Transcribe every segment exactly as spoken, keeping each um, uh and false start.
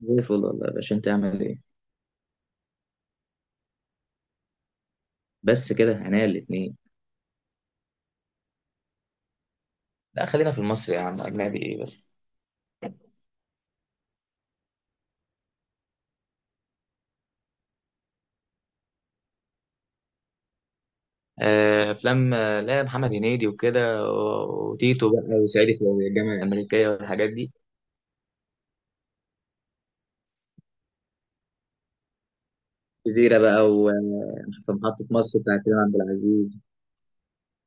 زي الفل والله يا باشا، انت عامل ايه؟ بس كده عينيا الاتنين. لا خلينا في المصري يا عم، اجنبي ايه بس؟ آه، افلام. آه، لا محمد هنيدي وكده و- وتيتو بقى وصعيدي في الجامعه الامريكيه والحاجات دي. جزيره بقى، وفي محطه مصر بتاع كريم عبد العزيز،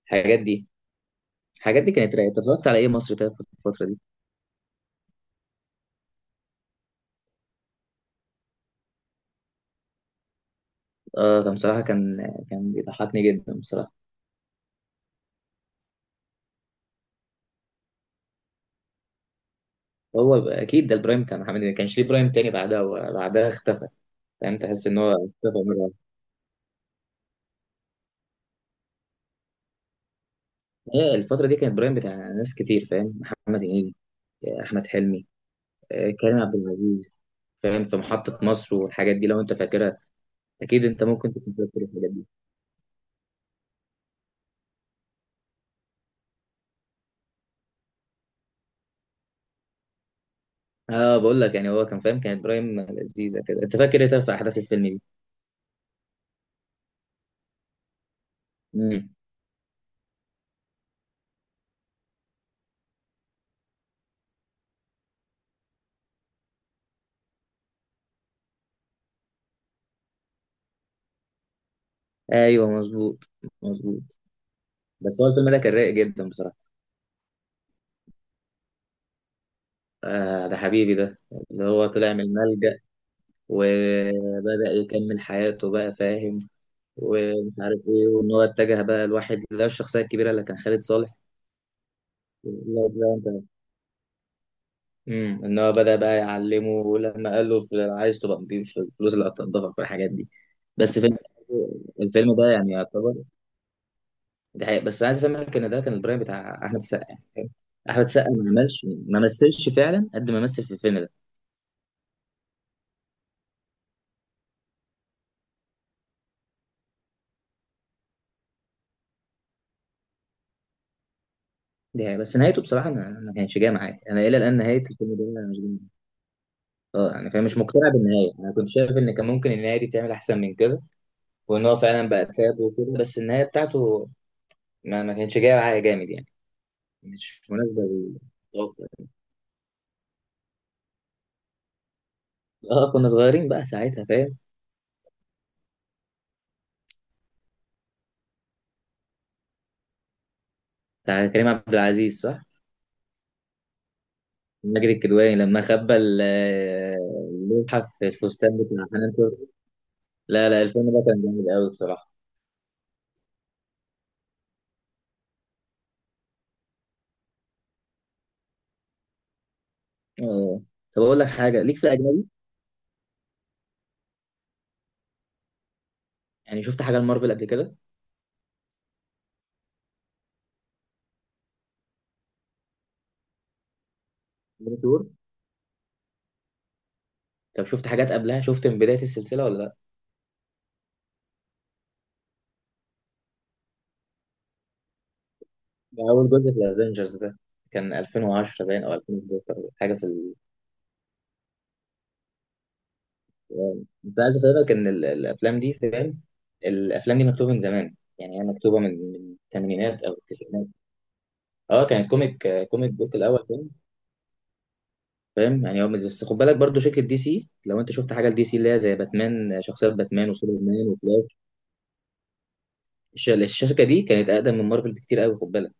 الحاجات دي الحاجات دي كانت رايقه. أنت اتفرجت على ايه مصري طيب في الفتره دي؟ اه كان بصراحه، كان كان بيضحكني جدا بصراحه. هو اكيد ده البرايم بتاع محمد هنيدي، ما كانش ليه برايم تاني بعدها، وبعدها اختفى. فاهم؟ تحس ان هو اختفى مره. هي الفترة دي كانت برايم بتاع ناس كتير، فاهم؟ محمد هنيدي، أحمد حلمي، آه، كريم عبد العزيز. فاهم؟ في محطة مصر والحاجات دي لو أنت فاكرها. أكيد أنت ممكن تكون فاكر الحاجات دي. أه بقول لك، يعني هو كان فاهم، كانت برايم لذيذة كده. أنت فاكر إيه طب في أحداث الفيلم دي؟ مم. أيوه مظبوط. مظبوط. بس هو الفيلم ده كان رايق جدا بصراحة. آه ده حبيبي ده. اللي هو طلع من الملجأ وبدأ يكمل حياته بقى، فاهم؟ ومش عارف إيه، وإن هو اتجه بقى لواحد اللي هو الشخصية الكبيرة اللي كان خالد صالح. لا لا انت. امم. ان هو بدأ بقى يعلمه، ولما قال له في- عايز تبقى نضيف في الفلوس اللي هتنضفك والحاجات دي. بس فيلم. الفيلم ده يعني يعتبر. ده حقيقة، بس عايز افهمك ان ده كان البرايم بتاع احمد السقا يعني. احمد السقا ما عملش ما مثلش فعلا قد ما مثل في الفيلم ده. دي حقيقة، بس نهايته بصراحة ما ما كانتش جاية معايا انا، الى الان نهاية الفيلم ده أنا مش. اه يعني فاهم، مش مقتنع بالنهاية، انا كنت شايف ان كان ممكن النهاية دي تعمل احسن من كده. وان هو فعلا بقى تاب وكده، بس النهاية بتاعته ما ما كانتش جاية معايا جامد يعني. مش مناسبة لل. اه كنا صغيرين بقى ساعتها، فاهم؟ بتاع كريم عبد العزيز صح؟ ماجد الكدواني لما خبى ال- اللوحة في الفستان بتاع حنان ترك. لا لا الفيلم ده كان جامد قوي بصراحة. اه طب اقول لك حاجة، ليك في الاجنبي؟ يعني شفت حاجة لمارفل قبل كده؟ بنتور. طب شفت حاجات قبلها؟ شفت من بداية السلسلة ولا لا؟ ده اول جزء في الافنجرز ده. كان ألفين وعشرة باين او ألفين واحد عشر حاجة في. تمام. كنت عايز افهمك ان ال- الافلام دي، فاهم؟ الافلام دي مكتوبه من زمان، يعني هي مكتوبه من من الثمانينات او التسعينات. اه كانت كوميك، آه، كوميك بوك الاول، فاهم؟ فاهم؟ يعني هو بس بس خد بالك برضو شركه دي سي. لو انت شفت حاجه لدي سي اللي هي زي باتمان، آه، شخصيات باتمان وسوبرمان وفلاش. الش- الشركه دي كانت اقدم من مارفل بكتير قوي، خد بالك.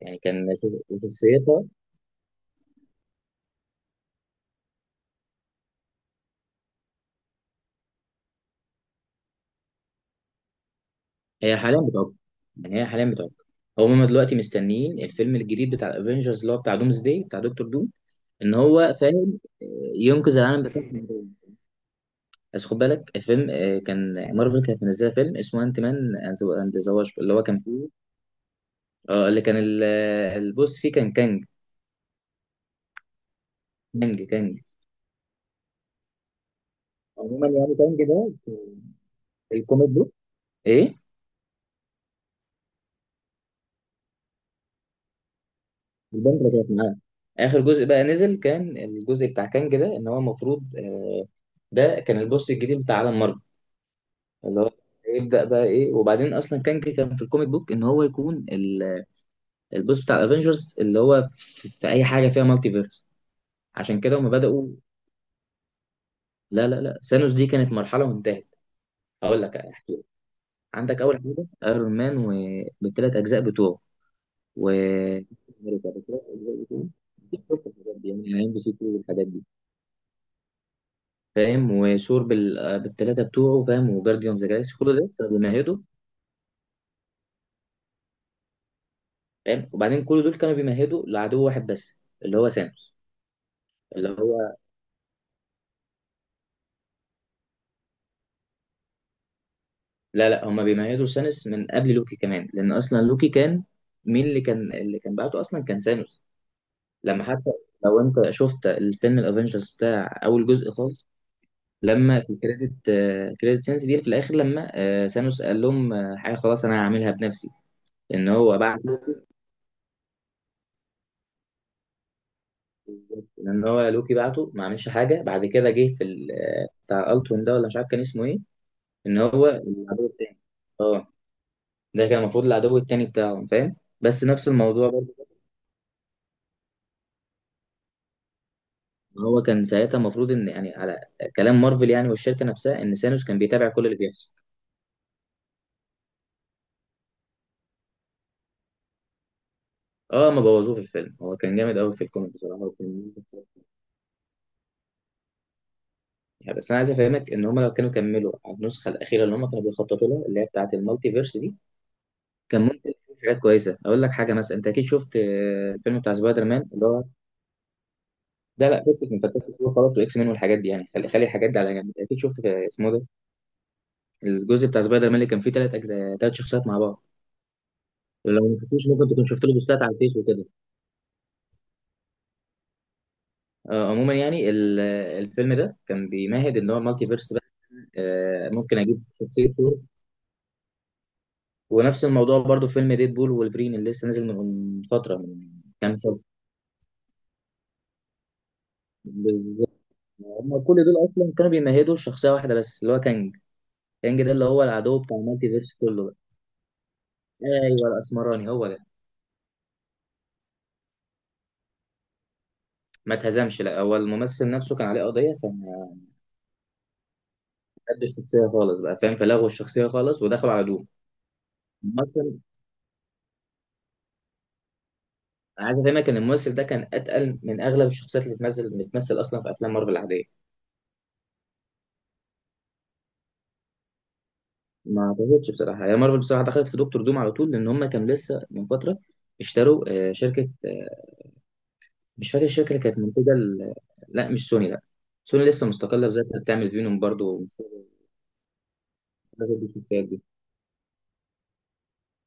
يعني كان شخصيتها. هي حاليا بتعق، يعني هي حاليا بتعق. هم دلوقتي مستنيين الفيلم الجديد بتاع الافينجرز اللي هو بتاع دومز داي بتاع دكتور دوم. ان هو فاهم، آه، ينقذ العالم بتاعه من جوه. بس خد بالك الفيلم، آه، كان مارفل كانت منزله فيلم اسمه انت مان اند ذا واسب اللي هو كان فيه. اه اللي كان ال- آه، البوس فيه كان كانج. كانج، كانج. عموما يعني كانج ده في الكوميك بوك ايه. البنت اللي كانت معاه. اخر جزء بقى نزل كان الجزء بتاع كانج ده، ان هو المفروض، آه، ده كان البوس الجديد بتاع عالم مارفل. اللي هو يبدأ بقى ايه، وبعدين اصلا كانج كان في الكوميك بوك ان هو يكون البوس بتاع الافنجرز اللي هو في, في اي حاجه فيها مالتي فيرس. عشان كده هم بداوا. لا لا لا سانوس دي كانت مرحله وانتهت. هقول لك احكي لك. عندك اول حاجه ايرون مان، وبالثلاث اجزاء بتوعه. و أمريكا بالتلات أجزاء بتوعه. أكيد شفت الحاجات دي يعني، ام بي سي اتنين والحاجات دي. فاهم؟ وثور بال... بالثلاثه بتوعه، فاهم؟ وجارديوم ذا جالاكسي. كل ده كانوا بيمهدوا. فاهم؟ وبعدين كل دول كانوا بيمهدوا لعدو واحد بس، اللي هو سانوس. اللي هو. لا لا هما بيمهدوا سانوس من قبل لوكي كمان، لان اصلا لوكي كان. مين اللي كان اللي كان بعته اصلا؟ كان سانوس. لما حتى. لو انت شفت الفيلم الافنجرز بتاع اول جزء خالص، لما في الكريدت كريدت سينس دي في الاخر، لما آه، سانوس قال لهم، آه، حاجه خلاص انا هعملها بنفسي. ان هو بعته. ان هو لوكي بعته، ما عملش حاجه بعد كده، جه في ال- آه، بتاع التون ده ولا مش عارف كان اسمه ايه. ان هو العدو التاني. اه ده كان المفروض العدو التاني بتاعهم، فاهم؟ بس نفس الموضوع. هو كان ساعتها المفروض ان يعني على كلام مارفل يعني والشركه نفسها، ان سانوس كان بيتابع كل اللي بيحصل. اه ما بوظوه في الفيلم، هو كان جامد قوي في الكوميك بصراحه وكان. يعني بس انا عايز افهمك ان هم لو كانوا كملوا على النسخه الاخيره اللي هم كانوا بيخططوا لها اللي هي بتاعه المالتي فيرس دي، كان ممكن يكون في حاجات كويسه. اقول لك حاجه مثلا، انت اكيد شفت، آه، الفيلم بتاع سبايدر مان اللي هو. ده لا، فكك من فانتاستيك فور خلاص، واكس مان والحاجات دي يعني، خلي خلي الحاجات دي على جنب. اكيد شفت في- اسمه ده، الجزء بتاع سبايدر مان اللي كان فيه ثلاث اجزاء ثلاث شخصيات مع بعض. لو ما شفتوش ممكن تكون شفت له بوستات على الفيس وكده. آه، عموما يعني ال- الفيلم ده كان بيمهد ان هو المالتي فيرس بقى. آه، ممكن اجيب شخصيه ثور. ونفس الموضوع برضو في فيلم ديد بول والبرين اللي لسه نازل من فتره من كام شهر. بالظبط. هم كل دول اصلا كانوا بيمهدوا شخصيه واحده بس، اللي هو كانج. كانج ده اللي هو العدو بتاع المالتي فيرس كله بقى. ايوه الاسمراني هو ده. ما اتهزمش. لا هو الممثل نفسه كان عليه قضيه، فما خدش الشخصيه خالص بقى، فاهم؟ فلغوا الشخصيه خالص ودخلوا على دوم. انا عايز افهمك ان الممثل ده كان اتقل من اغلب الشخصيات اللي بتمثل بتمثل اصلا في افلام مارفل العاديه. ما اعتقدش بصراحه، هي مارفل بصراحه دخلت في دكتور دوم على طول لان هم كانوا لسه من فتره اشتروا آه، شركه، آه، مش فاكر الشركه اللي كانت منتجه ال- لا مش سوني لا. سوني لسه مستقله بذاتها بتعمل فينوم برضو ومستقلة بذات الشخصيات دي.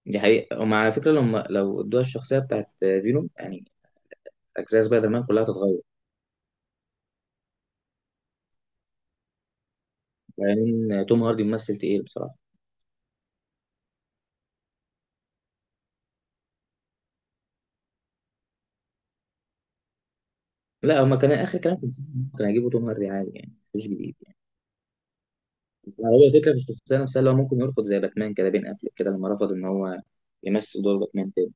دي حقيقه. ومع على فكره، لو لو ادوها الشخصيه بتاعت آه، فينوم يعني، اجزاء سبايدر مان كلها هتتغير. لان يعني توم هاردي ممثل تقيل بصراحه. لا هما كان اخر كلام كان كان هيجيبوا توم هاردي عادي يعني مفيش جديد. هو الفكرة في الشخصية نفسها، اللي هو ممكن يرفض زي باتمان كده بين قبل كده لما رفض إن هو يمثل دور باتمان تاني.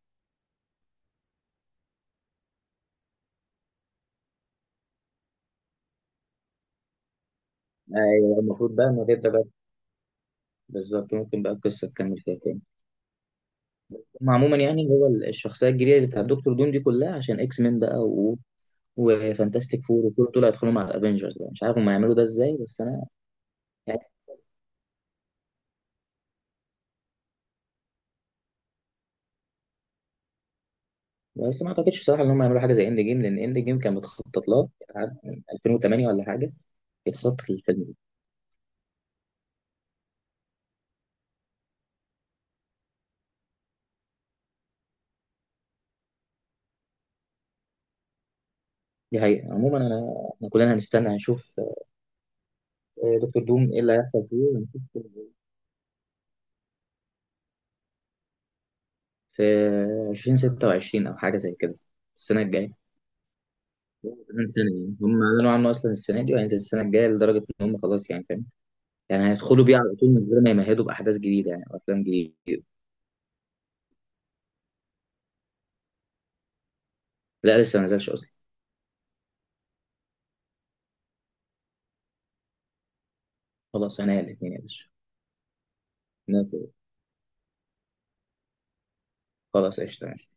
أيوه المفروض بقى إنه تبدأ بقى. بالظبط، ممكن بقى القصة تكمل فيها تاني. هم عموما يعني هو الشخصية الجديدة اللي بتاع دكتور دوم دي كلها عشان إكس مين بقى و. وفانتاستيك فور، وكل دول هيدخلوا مع الأفينجرز بقى. مش عارف هم هيعملوا ده إزاي بس أنا يعني. بس ما أعتقدش بصراحة إن هم يعملوا حاجة زي إند جيم، لأن إند جيم كان متخطط لها عاد من ألفين وتمنية ولا حاجة، يتخطط للفيلم ده. دي حقيقة، عموما أنا إحنا كلنا هنستنى هنشوف. دكتور دوم ايه اللي هيحصل فيه هنشوف. في ألفين وستة وعشرين او حاجه زي كده. السنه الجايه، كمان سنه يعني. هم اعلنوا عنه اصلا السنه دي وهينزل السنه الجايه، لدرجه ان هم خلاص يعني، فاهم؟ يعني هيدخلوا بيه على طول من غير ما يمهدوا باحداث جديده، يعني وافلام جديده. لا لسه ما نزلش اصلا. خلاص انا الاثنين يا باشا. نازل. خلاص قشطه، ماشي.